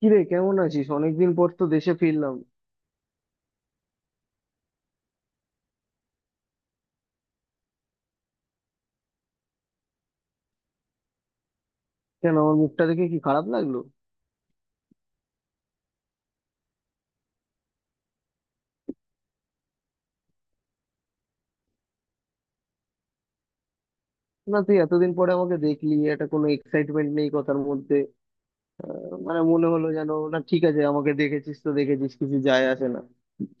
কিরে, কেমন আছিস? অনেকদিন পর তো দেশে ফিরলাম। কেন, আমার মুখটা দেখে কি খারাপ লাগলো? না, তুই এতদিন পরে আমাকে দেখলি, এটা কোনো এক্সাইটমেন্ট নেই কথার মধ্যে। মানে মনে হলো যেন, না ঠিক আছে আমাকে দেখেছিস তো দেখেছিস, কিছু যায় আসে না।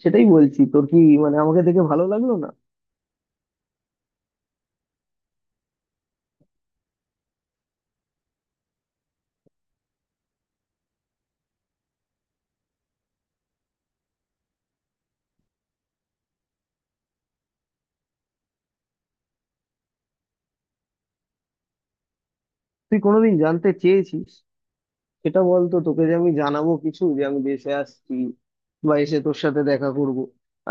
সেটাই বলছি তোর কি, মানে আমাকে দেখে ভালো লাগলো না? তুই কোনোদিন জানতে চেয়েছিস? সেটা বলতো তোকে যে আমি জানাবো কিছু, যে আমি দেশে আসছি বা এসে তোর সাথে দেখা করব।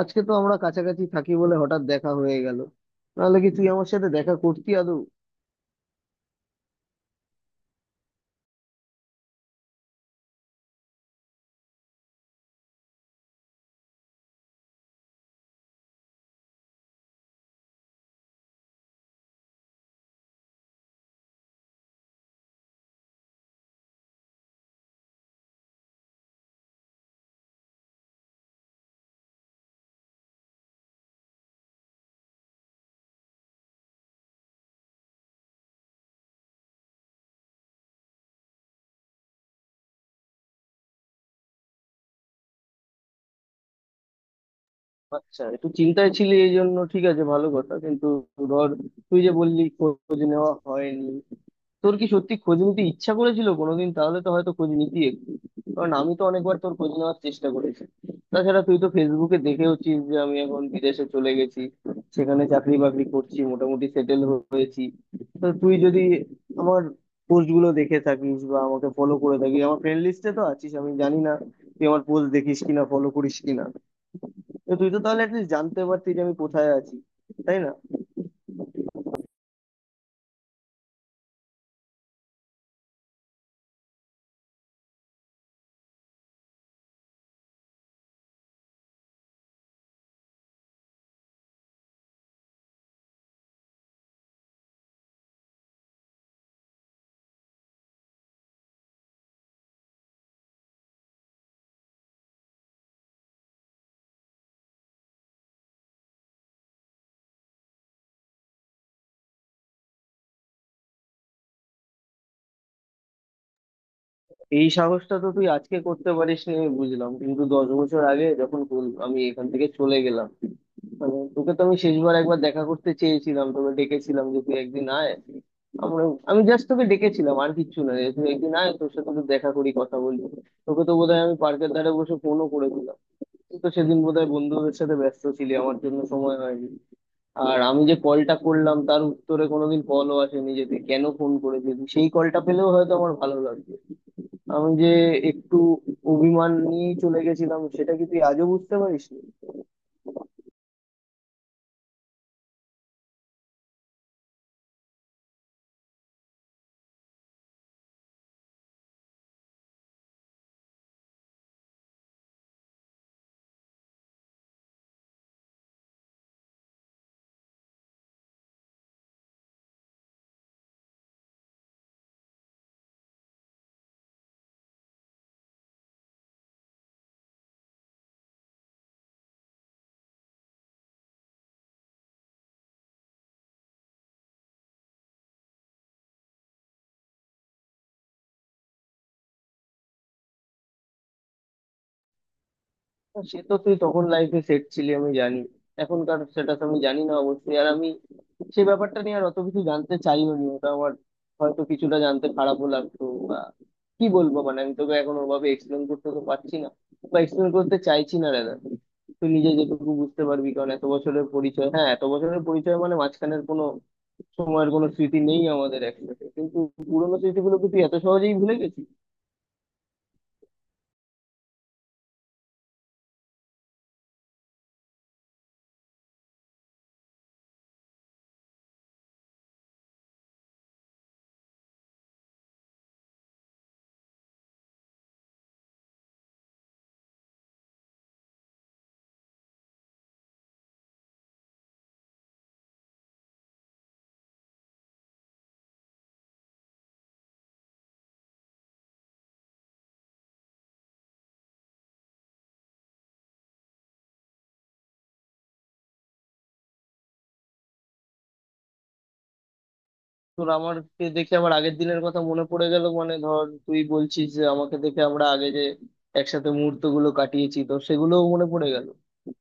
আজকে তো আমরা কাছাকাছি থাকি বলে হঠাৎ দেখা হয়ে গেল, নাহলে কি তুই আমার সাথে দেখা করতি আদৌ? আচ্ছা, একটু চিন্তায় ছিলি এই জন্য, ঠিক আছে ভালো কথা। কিন্তু ধর, তুই যে বললি খোঁজ নেওয়া হয়নি, তোর কি সত্যি খোঁজ নিতে ইচ্ছা করেছিল কোনোদিন? তাহলে তো হয়তো খোঁজ নিতি একটু। কারণ আমি তো অনেকবার তোর খোঁজ নেওয়ার চেষ্টা করেছি। তাছাড়া তুই তো ফেসবুকে দেখেওছিস যে আমি এখন বিদেশে চলে গেছি, সেখানে চাকরি বাকরি করছি, মোটামুটি সেটেল হয়েছি। তো তুই যদি আমার পোস্ট গুলো দেখে থাকিস বা আমাকে ফলো করে থাকিস, আমার ফ্রেন্ড লিস্টে তো আছিস, আমি জানি না তুই আমার পোস্ট দেখিস কিনা, ফলো করিস কিনা। তো তুই তো তাহলে অ্যাটলিস্ট জানতে পারতি যে আমি কোথায় আছি, তাই না? এই সাহসটা তো তুই আজকে করতে পারিস নি আমি বুঝলাম, কিন্তু 10 বছর আগে যখন আমি এখান থেকে চলে গেলাম, মানে তোকে তো আমি শেষবার একবার দেখা করতে চেয়েছিলাম, তোকে ডেকেছিলাম যে তুই একদিন আয়, আমরা, আমি জাস্ট তোকে ডেকেছিলাম আর কিচ্ছু না, যে তুই একদিন আয়, তোর সাথে একটু দেখা করি, কথা বলি। তোকে তো বোধহয় আমি পার্কের ধারে বসে ফোনও করেছিলাম, তুই তো সেদিন বোধহয় বন্ধুদের সাথে ব্যস্ত ছিলি, আমার জন্য সময় হয়নি। আর আমি যে কলটা করলাম তার উত্তরে কোনোদিন কলও আসেনি, যে তুই কেন ফোন করেছিস, সেই কলটা পেলেও হয়তো আমার ভালো লাগবে। আমি যে একটু অভিমান নিয়েই চলে গেছিলাম সেটা কি তুই আজও বুঝতে পারিস নি? সে তো তুই তখন লাইফে সেট ছিলি আমি জানি, এখনকার স্ট্যাটাস আমি জানি না অবশ্যই। আর আমি সে ব্যাপারটা নিয়ে আর অত কিছু জানতে চাইও নি, ওটা আমার হয়তো কিছুটা জানতে খারাপও লাগতো। বা কি বলবো, মানে আমি তোকে এখন ওভাবে এক্সপ্লেন করতে তো পারছি না, বা এক্সপ্লেন করতে চাইছি না দাদা। তুই নিজে যেটুকু বুঝতে পারবি, কারণ এত বছরের পরিচয়, হ্যাঁ এত বছরের পরিচয়, মানে মাঝখানের কোনো সময়ের কোনো স্মৃতি নেই আমাদের একসাথে, কিন্তু পুরোনো স্মৃতিগুলোকে তুই এত সহজেই ভুলে গেছিস। তোর আমাকে দেখে আমার আগের দিনের কথা মনে পড়ে গেল মানে, ধর তুই বলছিস যে আমাকে দেখে আমরা আগে যে একসাথে মুহূর্ত গুলো কাটিয়েছি তো সেগুলোও মনে পড়ে গেল।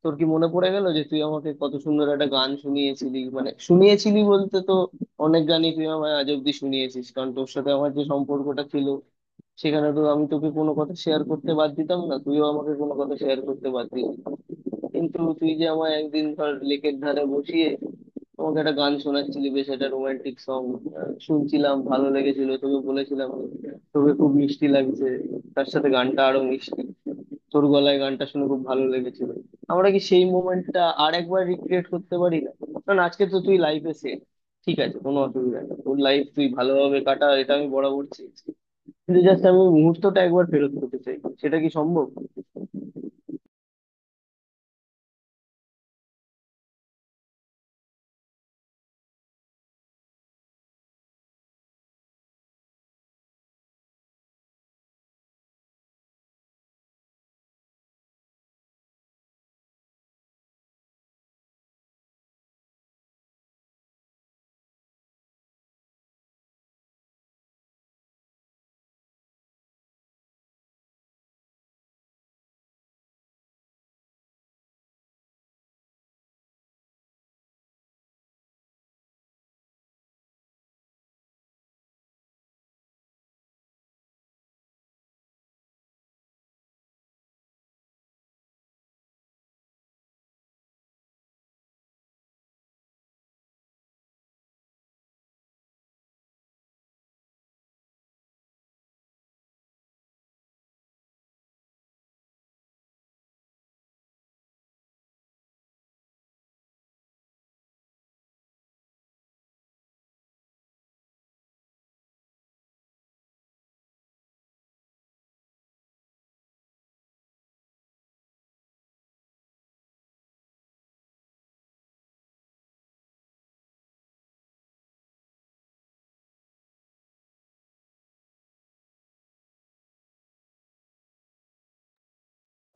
তোর কি মনে পড়ে গেল যে তুই আমাকে কত সুন্দর একটা গান শুনিয়েছিলি, মানে শুনিয়েছিলি বলতে তো অনেক গানই তুই আমায় আজ অব্দি শুনিয়েছিস, কারণ তোর সাথে আমার যে সম্পর্কটা ছিল সেখানে তো আমি তোকে কোনো কথা শেয়ার করতে বাদ দিতাম না, তুইও আমাকে কোনো কথা শেয়ার করতে বাদ দিতি না। কিন্তু তুই যে আমায় একদিন ধর লেকের ধারে বসিয়ে তোমাকে একটা গান শোনাচ্ছিলি, বেশ একটা রোমান্টিক সং শুনছিলাম, ভালো লেগেছিল, তোকে বলেছিলাম তোকে খুব মিষ্টি লাগছে, তার সাথে গানটা আরো মিষ্টি, তোর গলায় গানটা শুনে খুব ভালো লেগেছিল। আমরা কি সেই মোমেন্টটা আর একবার রিক্রিয়েট করতে পারি না? কারণ আজকে তো তুই লাইফে সেট, ঠিক আছে কোনো অসুবিধা নেই, তোর লাইফ তুই ভালোভাবে কাটা, এটা আমি বরাবর চেয়েছি। কিন্তু জাস্ট আমি মুহূর্তটা একবার ফেরত করতে চাই, সেটা কি সম্ভব?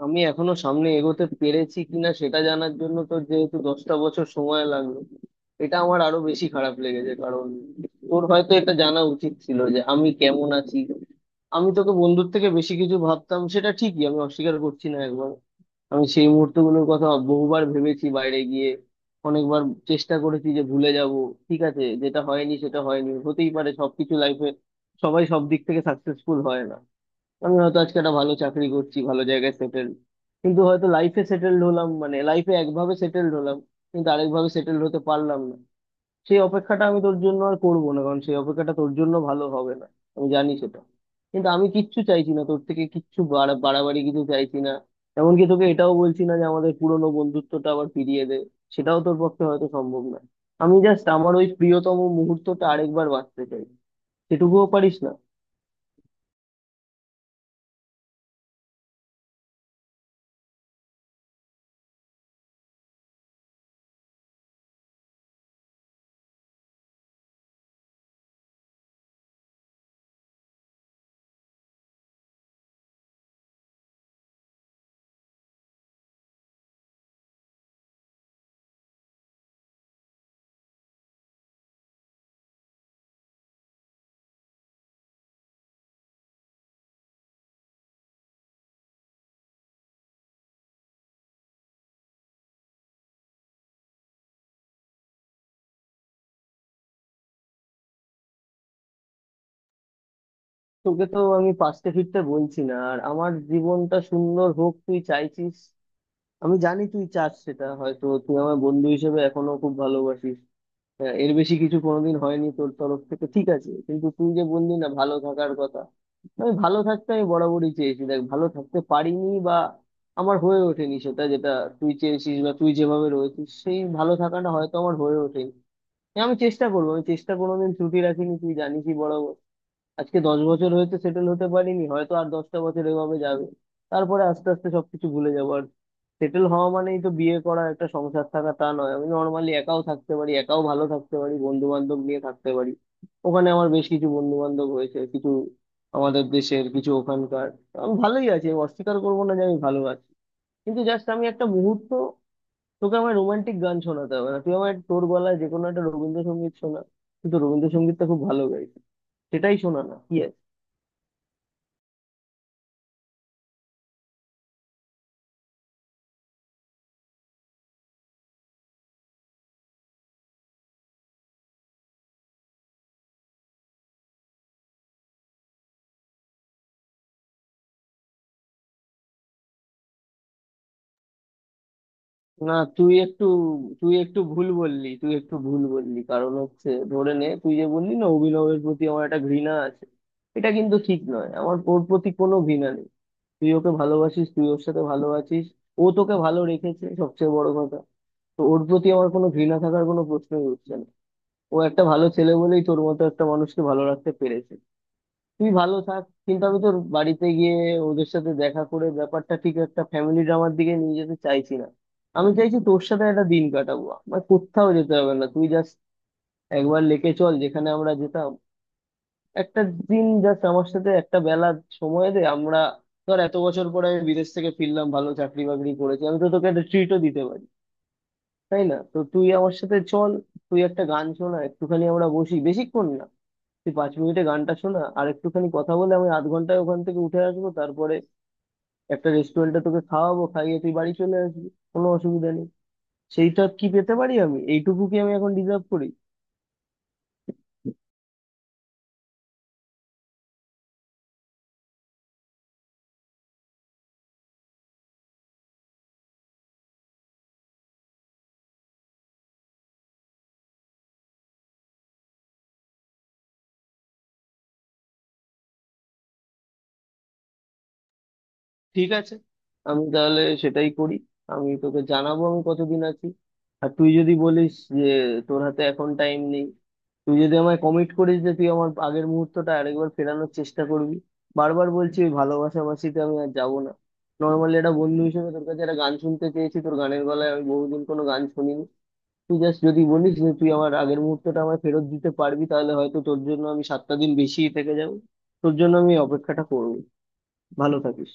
আমি এখনো সামনে এগোতে পেরেছি কিনা সেটা জানার জন্য তোর যেহেতু 10টা বছর সময় লাগলো, এটা আমার আরো বেশি খারাপ লেগেছে, কারণ তোর হয়তো এটা জানা উচিত ছিল যে আমি কেমন আছি। আমি তোকে বন্ধুর থেকে বেশি কিছু ভাবতাম, সেটা ঠিকই, আমি অস্বীকার করছি না একবার। আমি সেই মুহূর্তগুলোর কথা বহুবার ভেবেছি বাইরে গিয়ে, অনেকবার চেষ্টা করেছি যে ভুলে যাব। ঠিক আছে, যেটা হয়নি সেটা হয়নি, হতেই পারে, সবকিছু লাইফে সবাই সব দিক থেকে সাকসেসফুল হয় না। আমি হয়তো আজকে একটা ভালো চাকরি করছি, ভালো জায়গায় সেটেল, কিন্তু হয়তো লাইফে সেটেলড হলাম মানে লাইফে একভাবে সেটেলড হলাম, কিন্তু আরেকভাবে সেটেলড হতে পারলাম না। সেই অপেক্ষাটা আমি তোর জন্য আর করবো না, কারণ সেই অপেক্ষাটা তোর জন্য ভালো হবে না, আমি জানি সেটা। কিন্তু আমি কিচ্ছু চাইছি না তোর থেকে, কিচ্ছু বাড়াবাড়ি কিছু চাইছি না। এমনকি তোকে এটাও বলছি না যে আমাদের পুরোনো বন্ধুত্বটা আবার ফিরিয়ে দে, সেটাও তোর পক্ষে হয়তো সম্ভব না। আমি জাস্ট আমার ওই প্রিয়তম মুহূর্তটা আরেকবার বাঁচতে চাই, সেটুকুও পারিস না? তোকে তো আমি পাশতে ফিরতে বলছি না, আর আমার জীবনটা সুন্দর হোক তুই চাইছিস, আমি জানি তুই চাস, সেটা হয়তো তুই আমার বন্ধু হিসেবে এখনো খুব ভালোবাসিস। হ্যাঁ, এর বেশি কিছু কোনোদিন হয়নি তোর তরফ থেকে, ঠিক আছে। কিন্তু তুই যে বললি না, ভালো থাকার কথা, আমি ভালো থাকতে আমি বরাবরই চেয়েছি, দেখ ভালো থাকতে পারিনি, বা আমার হয়ে ওঠেনি সেটা, যেটা তুই চেয়েছিস বা তুই যেভাবে রয়েছিস সেই ভালো থাকাটা হয়তো আমার হয়ে ওঠেনি। আমি চেষ্টা করবো, আমি চেষ্টা কোনোদিন ত্রুটি রাখিনি তুই জানিসই বরাবর। আজকে 10 বছর হয়েছে সেটেল হতে পারিনি, হয়তো আর 10টা বছর এভাবে যাবে, তারপরে আস্তে আস্তে সবকিছু ভুলে যাবো। আর সেটেল হওয়া মানেই তো বিয়ে করা, একটা সংসার থাকা তা নয়, আমি নর্মালি একাও থাকতে পারি, একাও ভালো থাকতে পারি, বন্ধু বান্ধব নিয়ে থাকতে পারি। ওখানে আমার বেশ কিছু বন্ধু বান্ধব হয়েছে, কিছু আমাদের দেশের, কিছু ওখানকার। আমি ভালোই আছি, আমি অস্বীকার করবো না যে আমি ভালো আছি। কিন্তু জাস্ট আমি একটা মুহূর্ত, তোকে আমার রোমান্টিক গান শোনাতে হবে না, তুই আমার, তোর গলায় যে কোনো একটা রবীন্দ্রসঙ্গীত শোনা। কিন্তু রবীন্দ্রসঙ্গীতটা খুব ভালো গাইছিস, সেটাই শোনা না কি? না, তুই একটু, তুই একটু ভুল বললি, তুই একটু ভুল বললি, কারণ হচ্ছে ধরে নে তুই যে বললি না অভিনবের প্রতি আমার একটা ঘৃণা আছে, এটা কিন্তু ঠিক নয়, আমার ওর প্রতি কোনো ঘৃণা নেই। তুই ওকে ভালোবাসিস, তুই ওর সাথে ভালো আছিস, ও তোকে ভালো রেখেছে, সবচেয়ে বড় কথা। তো ওর প্রতি আমার কোনো ঘৃণা থাকার কোনো প্রশ্নই উঠছে না, ও একটা ভালো ছেলে বলেই তোর মতো একটা মানুষকে ভালো রাখতে পেরেছে। তুই ভালো থাক, কিন্তু আমি তোর বাড়িতে গিয়ে ওদের সাথে দেখা করে ব্যাপারটা ঠিক একটা ফ্যামিলি ড্রামার দিকে নিয়ে যেতে চাইছি না। আমি চাইছি তোর সাথে একটা দিন কাটাবো, আমার কোথাও যেতে হবে না, তুই জাস্ট একবার লেকে চল, যেখানে আমরা যেতাম। একটা দিন জাস্ট আমার সাথে একটা বেলা সময় দে। আমরা, ধর এত বছর পরে আমি বিদেশ থেকে ফিরলাম, ভালো চাকরি বাকরি করেছি, আমি তো তোকে একটা ট্রিটও দিতে পারি তাই না? তো তুই আমার সাথে চল, তুই একটা গান শোনা একটুখানি, আমরা বসি বেশিক্ষণ না, তুই 5 মিনিটে গানটা শোনা আর একটুখানি কথা বলে আমি আধ ঘন্টায় ওখান থেকে উঠে আসবো, তারপরে একটা রেস্টুরেন্টে তোকে খাওয়াবো, খাইয়ে তুই বাড়ি চলে আসবি, কোনো অসুবিধা নেই। সেইটা কি পেতে পারি আমি? এইটুকু কি আমি এখন ডিজার্ভ করি? ঠিক আছে, আমি তাহলে সেটাই করি, আমি তোকে জানাবো আমি কতদিন আছি। আর তুই যদি বলিস যে তোর হাতে এখন টাইম নেই, তুই যদি আমায় কমিট করিস যে তুই আমার আগের মুহূর্তটা আরেকবার ফেরানোর চেষ্টা করবি, বারবার বলছি ওই ভালোবাসাবাসিতে আমি আর যাবো না, নর্মালি একটা বন্ধু হিসেবে তোর কাছে একটা গান শুনতে চেয়েছি, তোর গানের গলায় আমি বহুদিন কোনো গান শুনিনি। তুই জাস্ট যদি বলিস যে তুই আমার আগের মুহূর্তটা আমায় ফেরত দিতে পারবি, তাহলে হয়তো তোর জন্য আমি 7টা দিন বেশি থেকে যাবো, তোর জন্য আমি এই অপেক্ষাটা করবো। ভালো থাকিস।